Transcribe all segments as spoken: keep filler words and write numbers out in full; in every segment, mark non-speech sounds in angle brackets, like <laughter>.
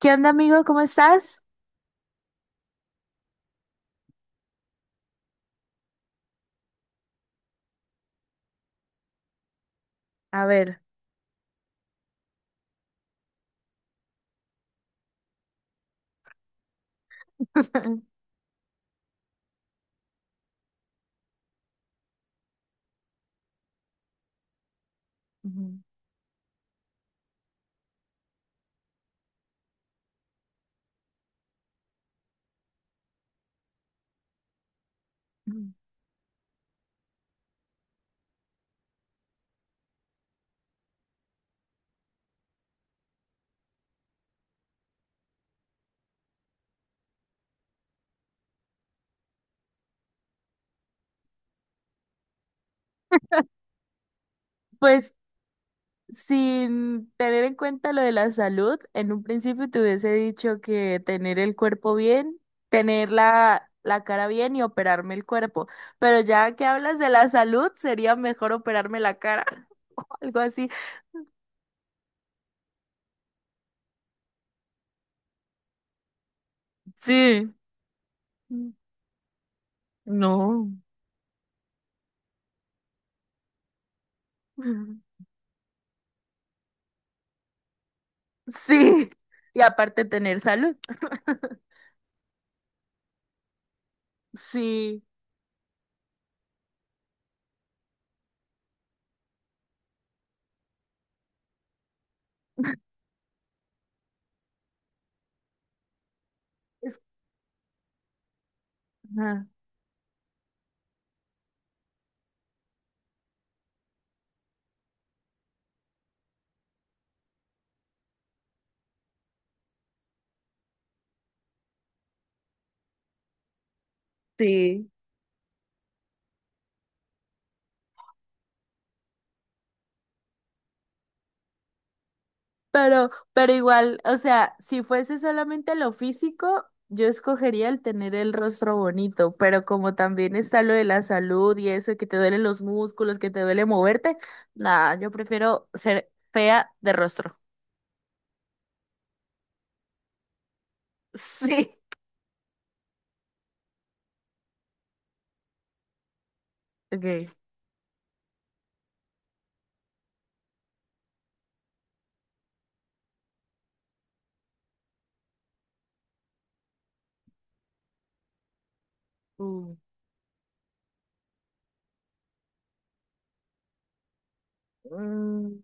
¿Qué onda, amigo? ¿Cómo estás? A ver, <laughs> Ujú. pues Sin tener en cuenta lo de la salud, en un principio te hubiese dicho que tener el cuerpo bien, tener la, la cara bien y operarme el cuerpo. Pero ya que hablas de la salud, sería mejor operarme la cara, <laughs> algo así. Sí. No. Sí. Y aparte tener salud. <laughs> Sí. Es- ajá. Sí. Pero, pero igual, o sea, si fuese solamente lo físico, yo escogería el tener el rostro bonito, pero como también está lo de la salud y eso, que te duelen los músculos, que te duele moverte, nada, yo prefiero ser fea de rostro. <laughs> Sí. Okay. Mm. Mm,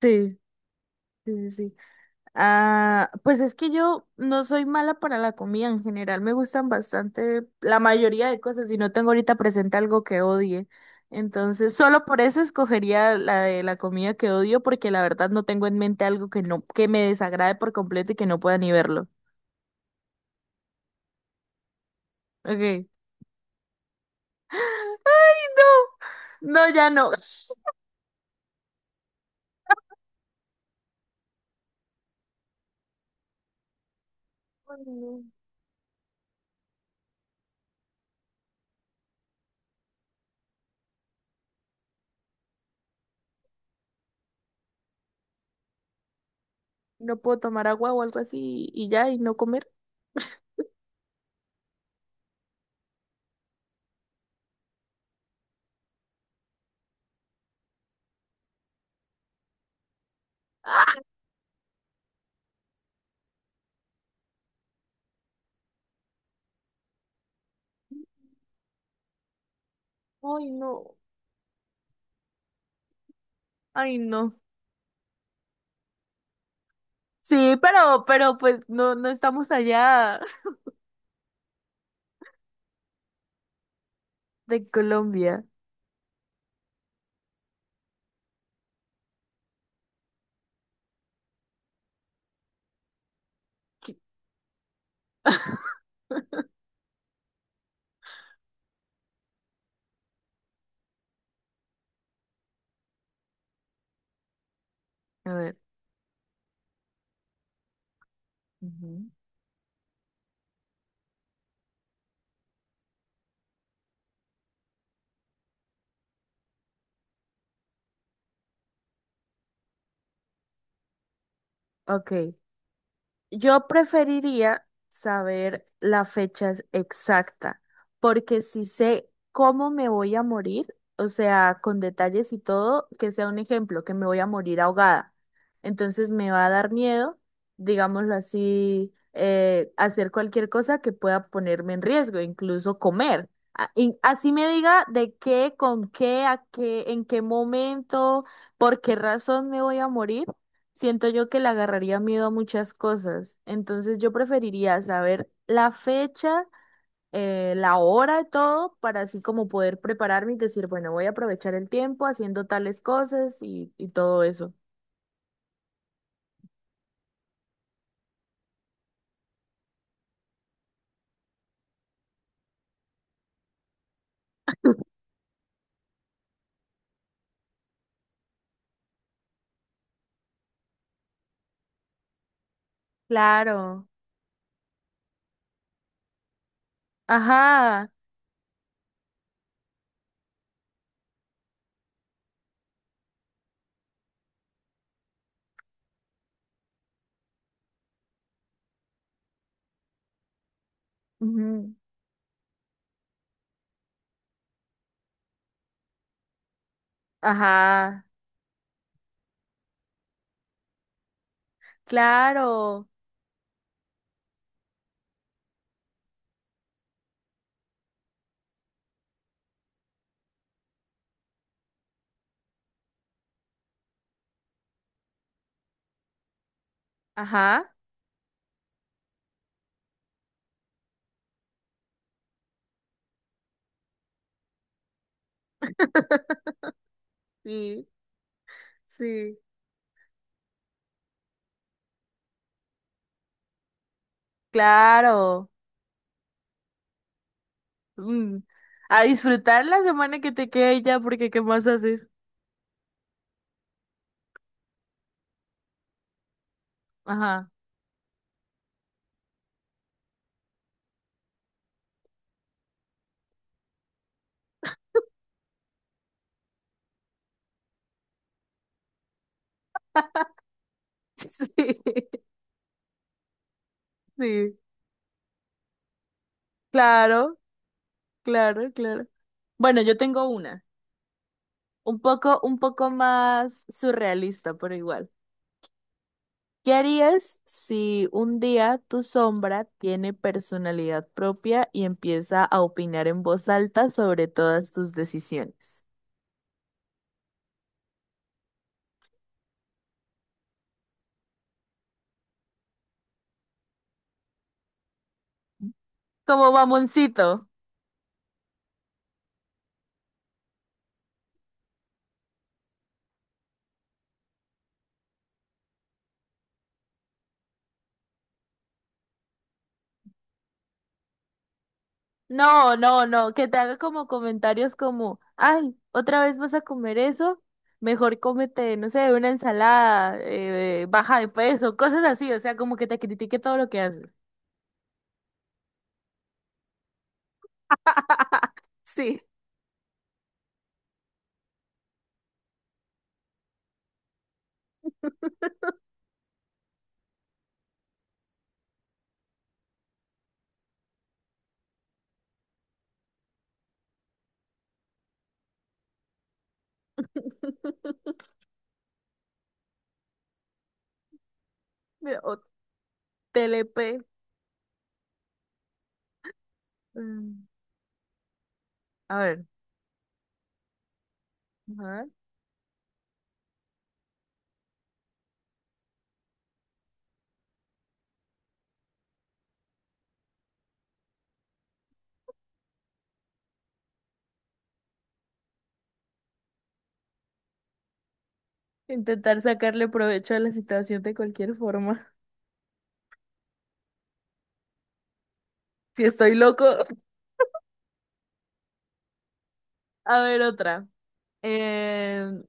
sí, sí, sí, sí. Ah, pues es que yo no soy mala para la comida en general, me gustan bastante la mayoría de cosas y no tengo ahorita presente algo que odie. Entonces, solo por eso escogería la de la comida que odio porque la verdad no tengo en mente algo que no que me desagrade por completo y que no pueda ni verlo. Okay. No, ya no. <laughs> Ay, no. No puedo tomar agua o algo así y ya y no comer. Ay, no. Ay, no. Sí, pero pero pues no no estamos allá. <laughs> De Colombia. A ver. Ujú. Ok. Yo preferiría saber la fecha ex- exacta, porque si sé cómo me voy a morir, o sea, con detalles y todo, que sea un ejemplo, que me voy a morir ahogada. Entonces me va a dar miedo, digámoslo así, eh, hacer cualquier cosa que pueda ponerme en riesgo, incluso comer. A- y así me diga de qué, con qué, a qué, en qué momento, por qué razón me voy a morir. Siento yo que le agarraría miedo a muchas cosas. Entonces yo preferiría saber la fecha, eh, la hora y todo, para así como poder prepararme y decir, bueno, voy a aprovechar el tiempo haciendo tales cosas y, y todo eso. Claro. Ajá. Ujú. Ajá. Claro. Ajá. <laughs> Sí, sí. Claro. Mm. A disfrutar la semana que te quede ya, porque ¿qué más haces? Ajá. <laughs> <laughs> Sí, sí, claro, claro, claro. Bueno, yo tengo una, un poco, un poco más surrealista, pero igual. ¿Qué harías si un día tu sombra tiene personalidad propia y empieza a opinar en voz alta sobre todas tus decisiones? Como mamoncito. No, no, no, que te haga como comentarios como, ay, otra vez vas a comer eso, mejor cómete, no sé, una ensalada, eh, baja de peso, cosas así, o sea, como que te critique todo lo que haces. Sí. <laughs> Mira, o T L P. Mm. A ver, ajá. Intentar sacarle provecho a la situación de cualquier forma. <laughs> Si estoy loco. <laughs> A ver, otra. em,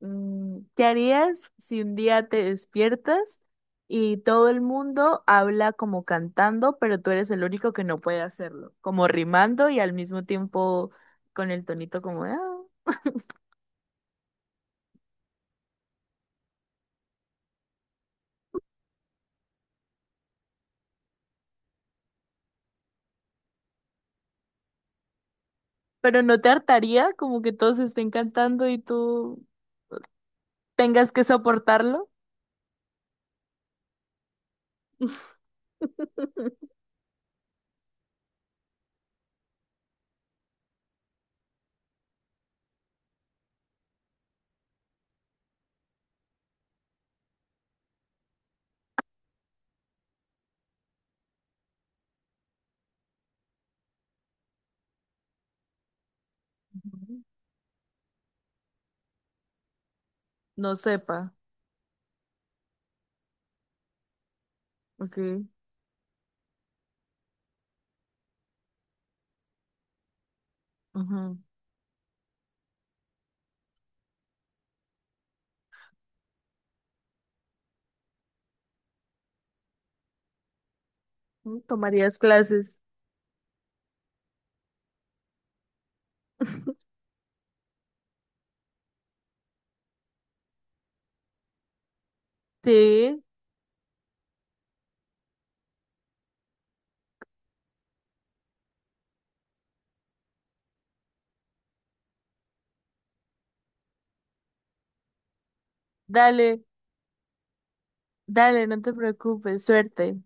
Mm, ¿qué harías si un día te despiertas y todo el mundo habla como cantando, pero tú eres el único que no puede hacerlo? Como rimando y al mismo tiempo con el tonito como, "Ah". Pero ¿no te hartaría como que todos estén cantando y tú tengas que soportarlo? <laughs> Ujú. No sepa. Ok. Ujú. Mm, ¿tomarías clases? <laughs> Sí, dale, dale, no te preocupes, suerte.